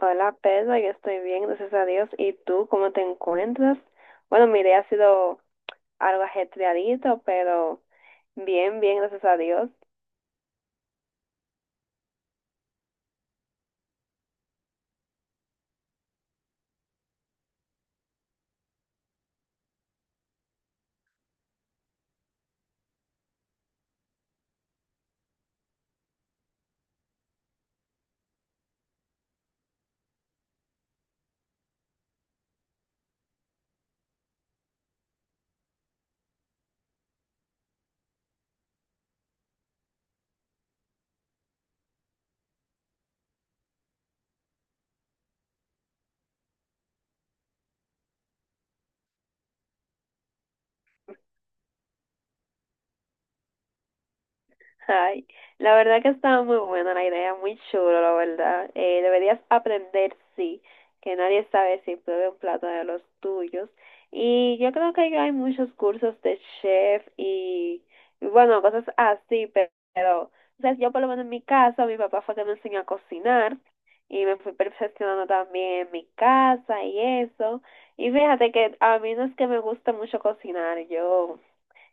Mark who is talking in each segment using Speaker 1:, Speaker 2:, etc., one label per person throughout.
Speaker 1: Hola Pedro, yo estoy bien, gracias a Dios. ¿Y tú cómo te encuentras? Bueno, mi día ha sido algo ajetreadito, pero bien, bien, gracias a Dios. Ay, la verdad que estaba muy buena la idea, muy chulo, la verdad. Deberías aprender, sí, que nadie sabe si pruebe un plato de los tuyos. Y yo creo que ya hay muchos cursos de chef y bueno, cosas así, pero, o sea, yo por lo menos en mi casa, mi papá fue que me enseñó a cocinar y me fui perfeccionando también en mi casa y eso. Y fíjate que a mí no es que me gusta mucho cocinar, yo...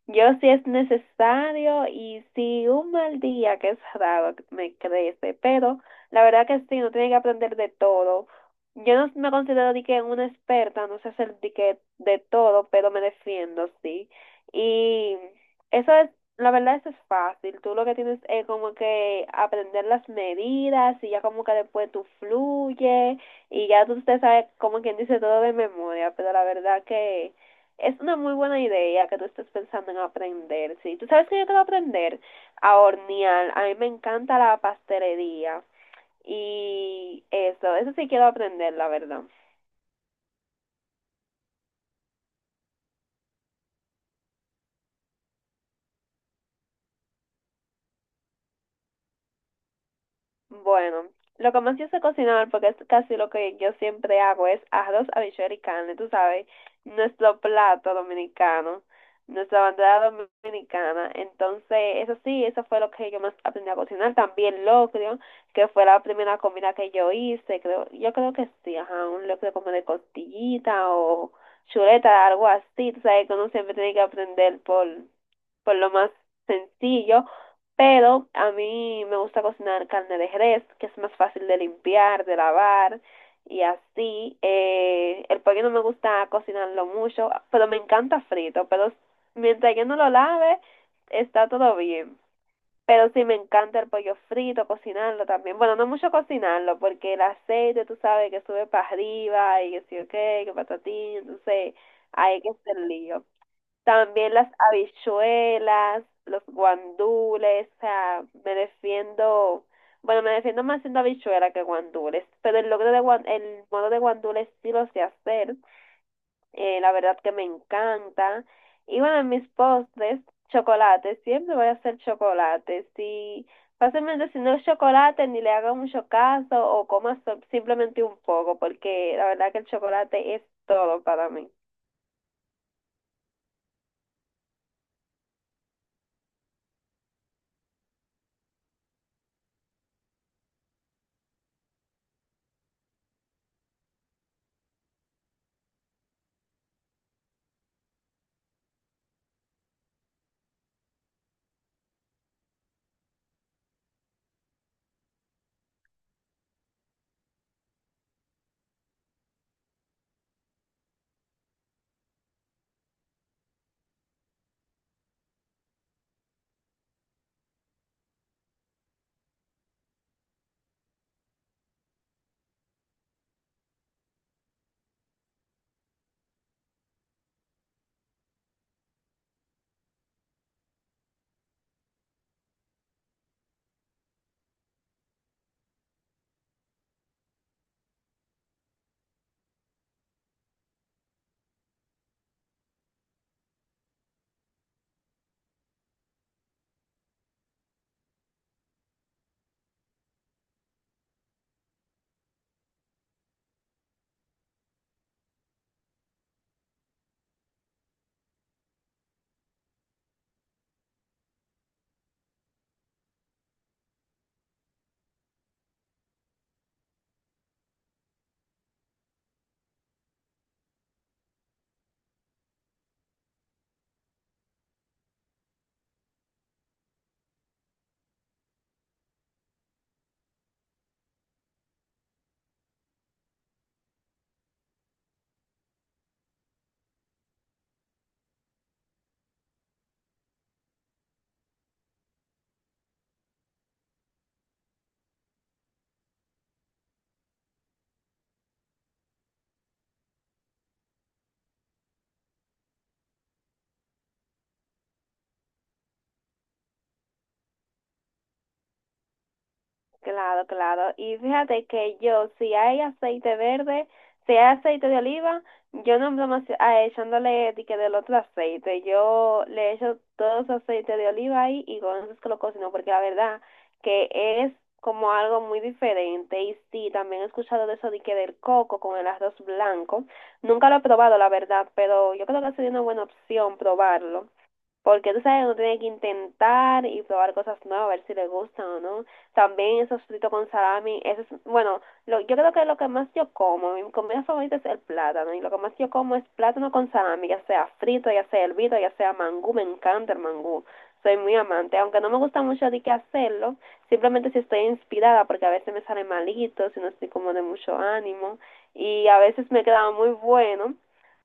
Speaker 1: Yo sí es necesario y si un mal día, que es raro, me crece, pero la verdad que sí, uno tiene que aprender de todo. Yo no me considero de que una experta, no sé hacer de que de todo, pero me defiendo, sí. Y eso es, la verdad, eso es fácil. Tú lo que tienes es como que aprender las medidas y ya como que después tú fluye y ya tú te sabes como quien dice todo de memoria, pero la verdad que es una muy buena idea que tú estés pensando en aprender, sí. Tú sabes que yo quiero aprender a hornear. A mí me encanta la pastelería y eso sí quiero aprender, la verdad. Bueno, lo que más yo sé cocinar, porque es casi lo que yo siempre hago, es arroz, habichuela y carne, tú sabes, nuestro plato dominicano, nuestra bandera dominicana. Entonces, eso sí, eso fue lo que yo más aprendí a cocinar. También locrio, que fue la primera comida que yo hice, creo, yo creo que sí, ajá, un locrio como de costillita o chuleta, algo así, tú sabes, que uno siempre tiene que aprender por lo más sencillo, pero a mí me gusta cocinar carne de res, que es más fácil de limpiar, de lavar y así. El pollo no me gusta cocinarlo mucho, pero me encanta frito, pero mientras que no lo lave, está todo bien. Pero sí me encanta el pollo frito, cocinarlo también. Bueno, no mucho cocinarlo, porque el aceite, tú sabes, que sube para arriba y que sí, ok, que patatín, entonces hay que hacer lío. También las habichuelas, los guandules, o sea, me defiendo, bueno, me defiendo más haciendo habichuela que guandules, pero el logro de el modo de guandules sí lo sé hacer, la verdad que me encanta. Y bueno, en mis postres, chocolate, siempre voy a hacer chocolate, si fácilmente si no es chocolate ni le haga mucho caso o coma simplemente un poco, porque la verdad que el chocolate es todo para mí. Claro, claro. Y fíjate que yo, si hay aceite verde, si hay aceite de oliva, yo no me echándole de que del otro aceite. Yo le echo todo ese aceite de oliva ahí y con eso es que lo cocino, porque la verdad que es como algo muy diferente. Y sí, también he escuchado de eso de que del coco con el arroz blanco. Nunca lo he probado, la verdad, pero yo creo que sería una buena opción probarlo. Porque tú sabes que uno tiene que intentar y probar cosas nuevas, a ver si le gustan o no. También esos fritos con salami, eso es, bueno, lo, yo creo que lo que más yo como, mi comida favorita es el plátano, y lo que más yo como es plátano con salami, ya sea frito, ya sea hervido, ya sea mangú, me encanta el mangú, soy muy amante, aunque no me gusta mucho de que hacerlo, simplemente si estoy inspirada, porque a veces me sale malito, si no estoy como de mucho ánimo, y a veces me queda muy bueno,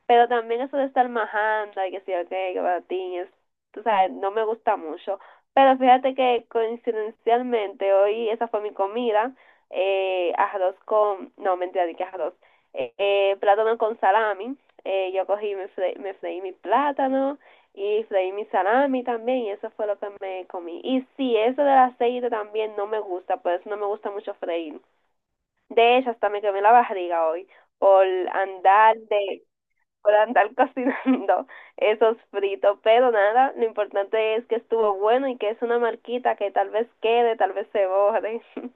Speaker 1: pero también eso de estar majando y que sí, ok, que patín, es, tú sabes, no me gusta mucho. Pero fíjate que coincidencialmente hoy esa fue mi comida, arroz con, no, mentira, ni que arroz, plátano con salami. Yo cogí, me, me freí mi plátano y freí mi salami también y eso fue lo que me comí. Y sí, eso del aceite también no me gusta, por eso no me gusta mucho freír. De hecho, hasta me quemé la barriga hoy por andar de por andar cocinando esos fritos. Pero nada, lo importante es que estuvo bueno y que es una marquita que tal vez quede, tal vez se borre.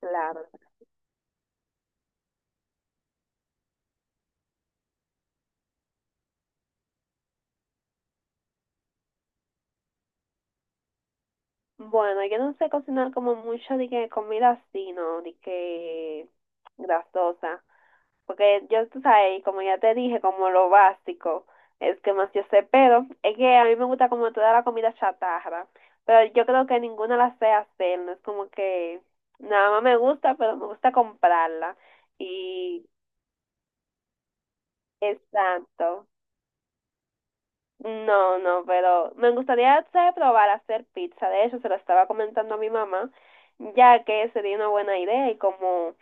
Speaker 1: Claro. Bueno, yo no sé cocinar como mucho de que comida así, ¿no? De que grasosa. Porque yo, tú sabes, como ya te dije, como lo básico es que más yo sé, pero es que a mí me gusta como toda la comida chatarra, pero yo creo que ninguna la sé hacer, no es como que nada más me gusta, pero me gusta comprarla y exacto. No, no, pero me gustaría, ¿sabes?, probar a hacer pizza. De hecho, se lo estaba comentando a mi mamá, ya que sería una buena idea y como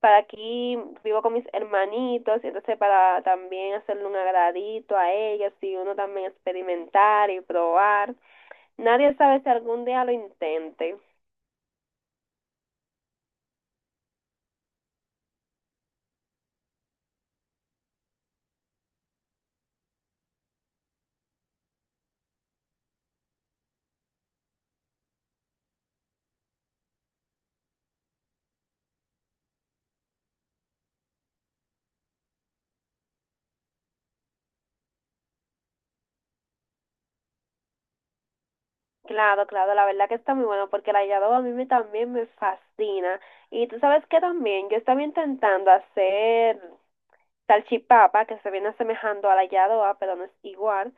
Speaker 1: para aquí vivo con mis hermanitos, y entonces para también hacerle un agradito a ellos y uno también experimentar y probar. Nadie sabe si algún día lo intente. Claro, claro, la verdad que está muy bueno porque el hallado a mí me- también me fascina. Y tú sabes que también yo estaba intentando hacer salchipapa que se viene asemejando a la hallado, pero no es igual.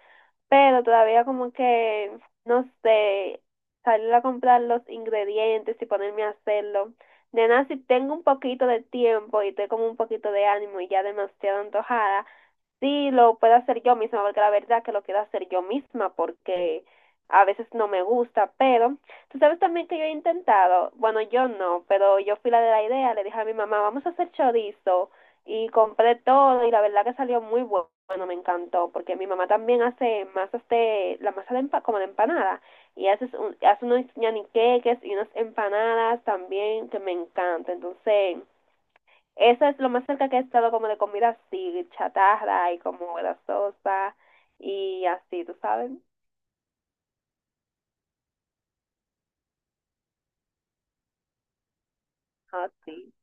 Speaker 1: Pero todavía como que, no sé, salir a comprar los ingredientes y ponerme a hacerlo. Nena, si tengo un poquito de tiempo y tengo como un poquito de ánimo y ya demasiado antojada, sí, lo puedo hacer yo misma, porque la verdad que lo quiero hacer yo misma, porque a veces no me gusta, pero tú sabes también que yo he intentado, bueno, yo no, pero yo fui la de la idea, le dije a mi mamá, vamos a hacer chorizo, y compré todo, y la verdad que salió muy bueno, me encantó, porque mi mamá también hace masas de, la masa de como de empanada, y hace, hace unos ñaniqueques y unas empanadas también que me encanta, entonces... Eso es lo más cerca que he estado como de comida así, chatarra y como grasosa y así, ¿tú sabes? Ah, sí.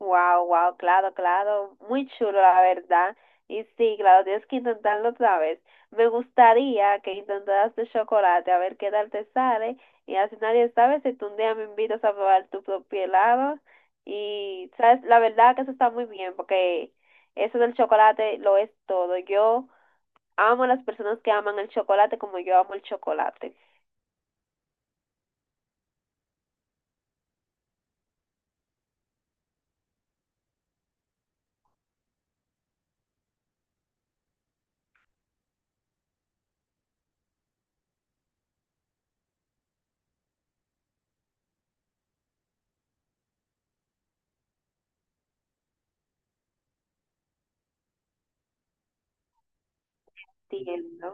Speaker 1: Wow, wow, claro, claro. Muy chulo, la verdad. Y sí, claro, tienes que intentarlo otra vez. Me gustaría que intentaras de chocolate, a ver qué tal te sale. Y así nadie sabe si tú un día me invitas a probar tu propio helado. Y, ¿sabes? La verdad que eso está muy bien, porque eso del chocolate lo es todo. Yo amo a las personas que aman el chocolate como yo amo el chocolate. Entiendo.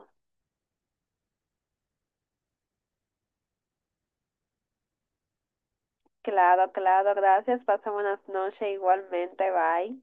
Speaker 1: Claro, claro, gracias. Pasa buenas noches igualmente. Bye.